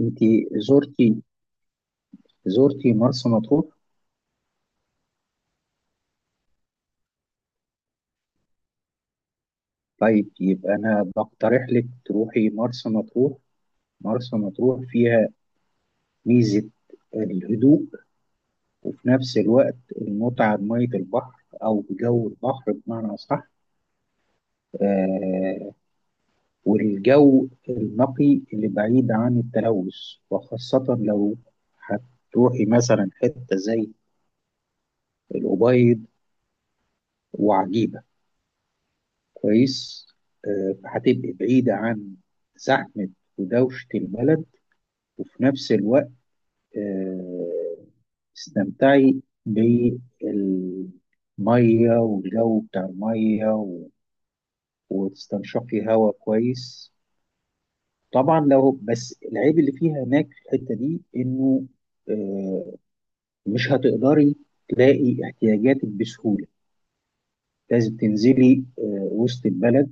انت زرتي زرتي مرسى مطروح؟ طيب يبقى انا بقترح لك تروحي مرسى مطروح. مرسى مطروح فيها ميزة الهدوء، وفي نفس الوقت المتعة بمية البحر أو بجو البحر بمعنى أصح. آه والجو النقي اللي بعيد عن التلوث، وخاصة لو هتروحي مثلا حتة زي الأبيض وعجيبة، كويس. فهتبقي بعيدة عن زحمة ودوشة البلد، وفي نفس الوقت آه، استمتعي بالمية والجو بتاع المية وتستنشقي هواء كويس. طبعا، لو بس العيب اللي فيها هناك في الحتة دي إنه آه، مش هتقدري تلاقي احتياجاتك بسهولة، لازم تنزلي وسط البلد،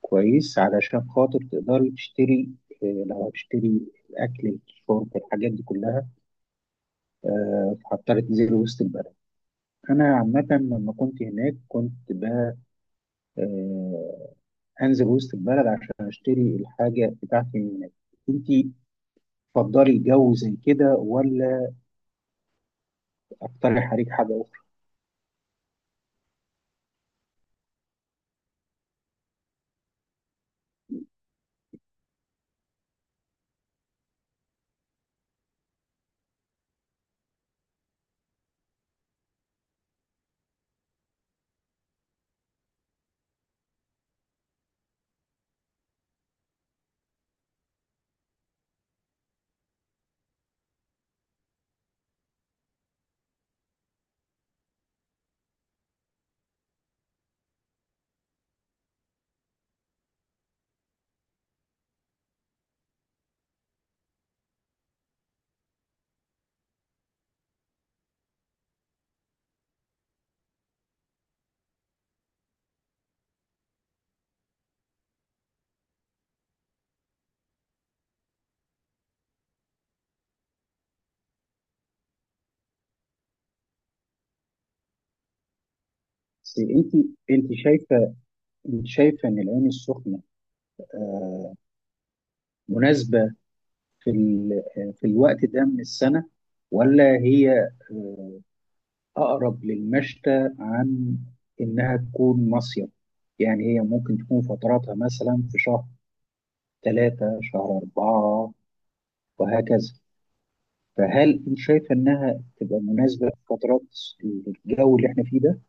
كويس، علشان خاطر تقدري تشتري، لو هتشتري الأكل الشرب الحاجات دي كلها، فهضطر تنزلي وسط البلد. أنا عامة لما كنت هناك كنت آه، أنزل وسط البلد عشان أشتري الحاجة بتاعتي من هناك. أنت تفضلي جو زي كده ولا أقترح عليك حاجة أخرى؟ بس أنت شايفة أنت شايفة إن العين السخنة مناسبة في ال- آه، في الوقت ده من السنة، ولا هي آه، أقرب للمشتى عن إنها تكون مصيف؟ يعني هي ممكن تكون فتراتها مثلا في شهر ثلاثة شهر أربعة وهكذا. فهل أنت شايفة إنها تبقى مناسبة في فترات الجو اللي إحنا فيه ده؟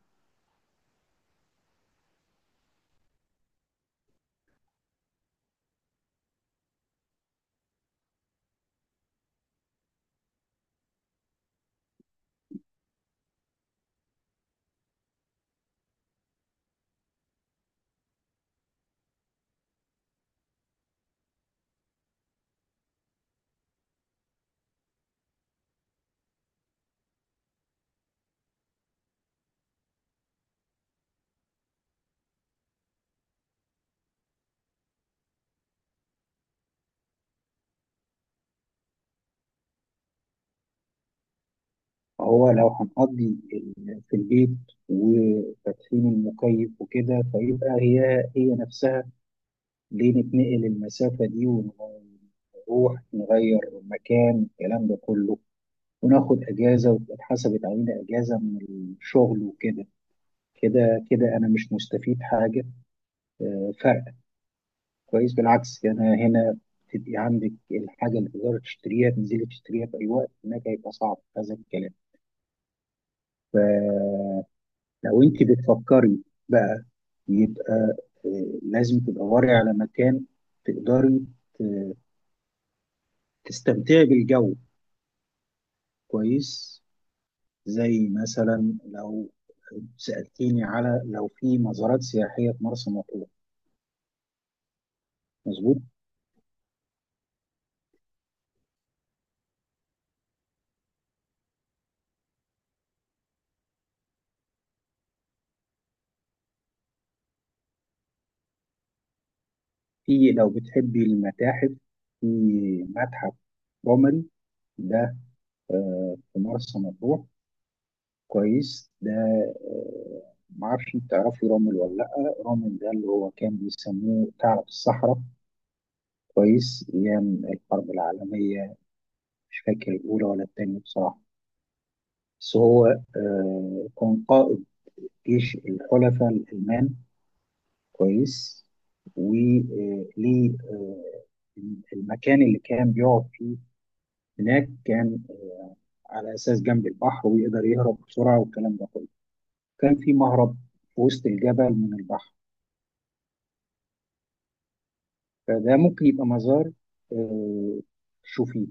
هو لو هنقضي في البيت وفاتحين المكيف وكده، فيبقى هي هي نفسها، ليه نتنقل المسافة دي ونروح نغير مكان الكلام ده كله، وناخد اجازه وتبقى اتحسبت علينا اجازه من الشغل وكده؟ كده كده انا مش مستفيد حاجه، فرق كويس. بالعكس، انا هنا تبقي عندك الحاجه اللي تقدري تشتريها تنزلي تشتريها في اي وقت، هناك هيبقى صعب هذا الكلام. فلو انت بتفكري بقى، يبقى لازم تدوري على مكان تقدري ت- تستمتعي بالجو كويس، زي مثلا لو سألتيني على لو في مزارات سياحية في مرسى مطروح. مظبوط، في لو بتحبي المتاحف في متحف قمري ده، في مرسى مطروح، كويس ده. معرفش انت تعرفي رامل ولا لأ. رامل ده اللي هو كان بيسموه ثعلب الصحراء، كويس، أيام الحرب العالمية، مش فاكر الأولى ولا التانية بصراحة. بس هو كان قائد جيش الحلفاء الألمان، كويس. وليه المكان اللي كان بيقعد فيه هناك كان على اساس جنب البحر ويقدر يهرب بسرعه والكلام ده كله، كان في مهرب في وسط الجبل من البحر. فده ممكن يبقى مزار، آه، شوفيه.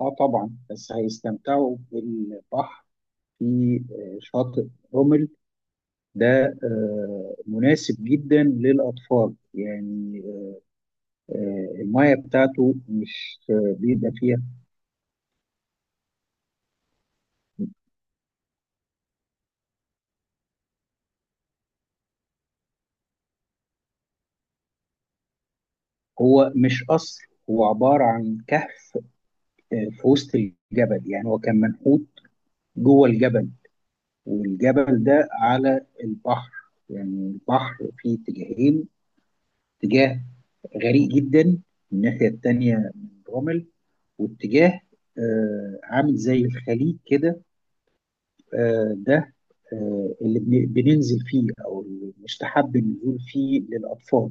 اه طبعا، بس هيستمتعوا بالبحر، في شاطئ رمل ده مناسب جدا للاطفال، يعني الميه بتاعته مش بيبقى فيها. هو مش قصر، هو عبارة عن كهف في وسط الجبل، يعني هو كان منحوت جوه الجبل، والجبل ده على البحر، يعني البحر فيه اتجاهين: اتجاه غريق جدا الناحية التانية من رمل، واتجاه عامل زي الخليج كده. ده اللي بننزل فيه او اللي مستحب النزول فيه للاطفال،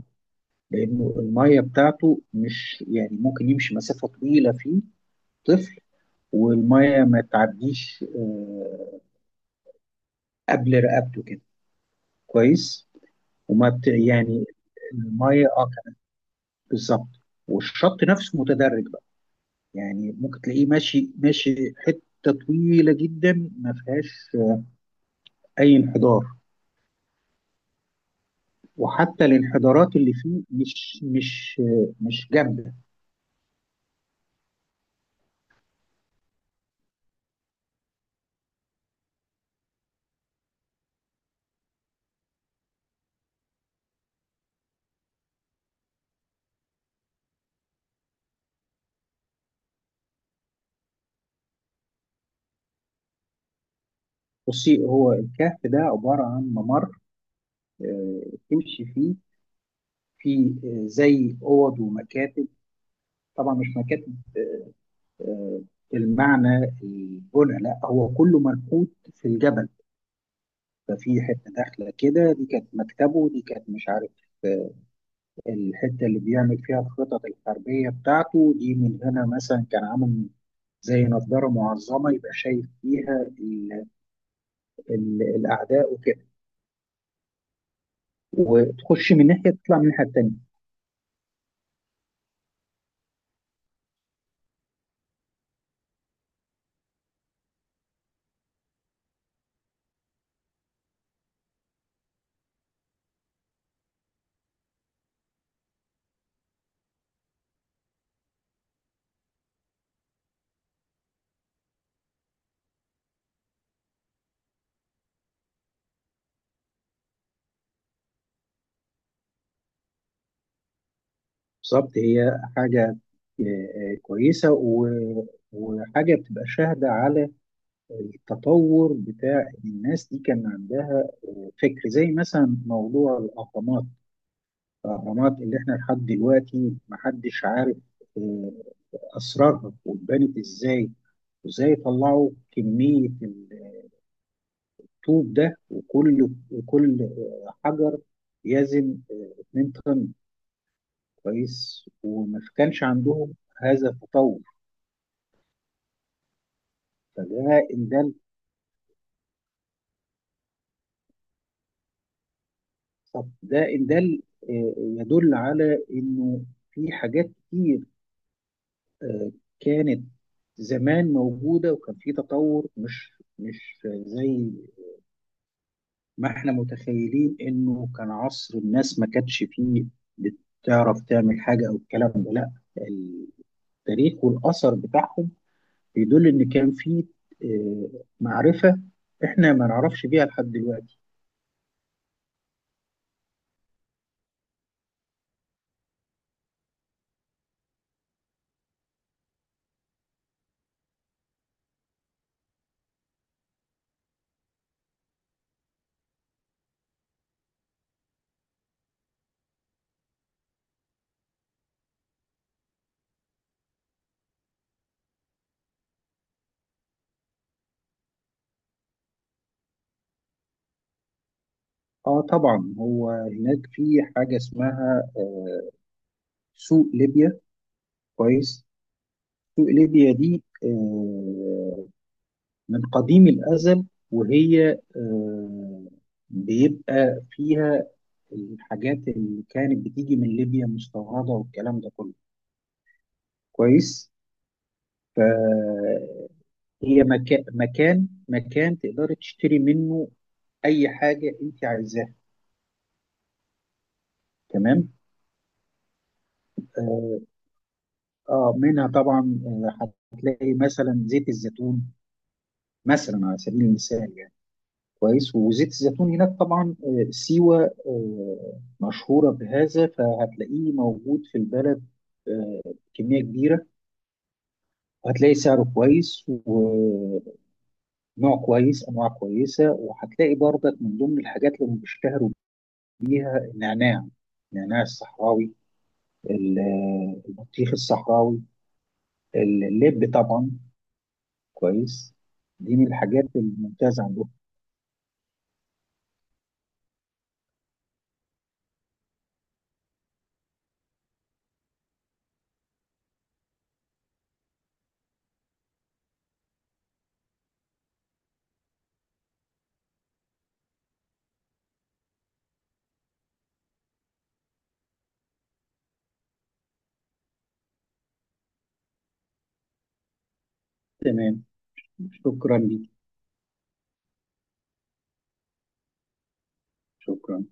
لانه الميه بتاعته مش، يعني ممكن يمشي مسافه طويله فيه طفل، والميه ما تعديش قبل رقبته كده، كويس. يعني الميه كانت بالظبط، والشط نفسه متدرج بقى، يعني ممكن تلاقيه ماشي ماشي حته طويله جدا ما فيهاش اي انحدار، وحتى الانحدارات اللي فيه مش جامده. بصي، هو الكهف ده عباره عن ممر آه، تمشي فيه، في زي اوض ومكاتب، طبعا مش مكاتب، آه، المعنى البنى، لا هو كله منحوت في الجبل. ففي حته داخله كده دي كانت مكتبه، دي كانت مش عارف آه، الحته اللي بيعمل فيها الخطط الحربيه بتاعته، دي من هنا مثلا كان عامل زي نظاره معظمه يبقى شايف فيها ال ال الاعداء وكده، وتخش من ناحيه تطلع من الناحيه التانيه. بالظبط، هي حاجه كويسه وحاجه بتبقى شاهده على التطور بتاع الناس دي، كان عندها فكر، زي مثلا موضوع الأهرامات. الأهرامات اللي احنا لحد دلوقتي محدش عارف آه، أسرارها واتبنت ازاي، وازاي طلعوا كمية الطوب ده، وكل حجر يزن 2 طن، كويس، وما كانش عندهم هذا التطور. فده إن ده ده إن ده يدل على إنه في حاجات كتير آه، كانت زمان موجودة، وكان في تطور، مش مش زي ما احنا متخيلين، انه كان عصر الناس ما كانتش فيه بتعرف تعمل حاجة او الكلام ده، لا. التاريخ والأثر بتاعهم بيدل ان كان فيه معرفة احنا ما نعرفش بيها لحد دلوقتي. اه طبعا، هو هناك في حاجة اسمها سوق ليبيا، كويس. سوق ليبيا دي من قديم الأزل، وهي آه، بيبقى فيها الحاجات اللي كانت بتيجي من ليبيا مستوردة والكلام ده كله، كويس. فهي مكان تقدري تشتري منه أي حاجة أنت عايزاها، تمام. اه منها طبعا هتلاقي مثلا زيت الزيتون، مثلا على سبيل المثال يعني. كويس، وزيت الزيتون هناك طبعا سيوة مشهورة بهذا، فهتلاقيه موجود في البلد آه، كمية كبيرة، وهتلاقي سعره كويس ونوع كويس، أنواع كويسة. وهتلاقي برضك من ضمن الحاجات اللي هم بيشتهروا بيها النعناع، النعناع الصحراوي، البطيخ الصحراوي، اللب طبعا، كويس، دي من الحاجات الممتازة عندهم. تمام، شكرا ليك، شكرا.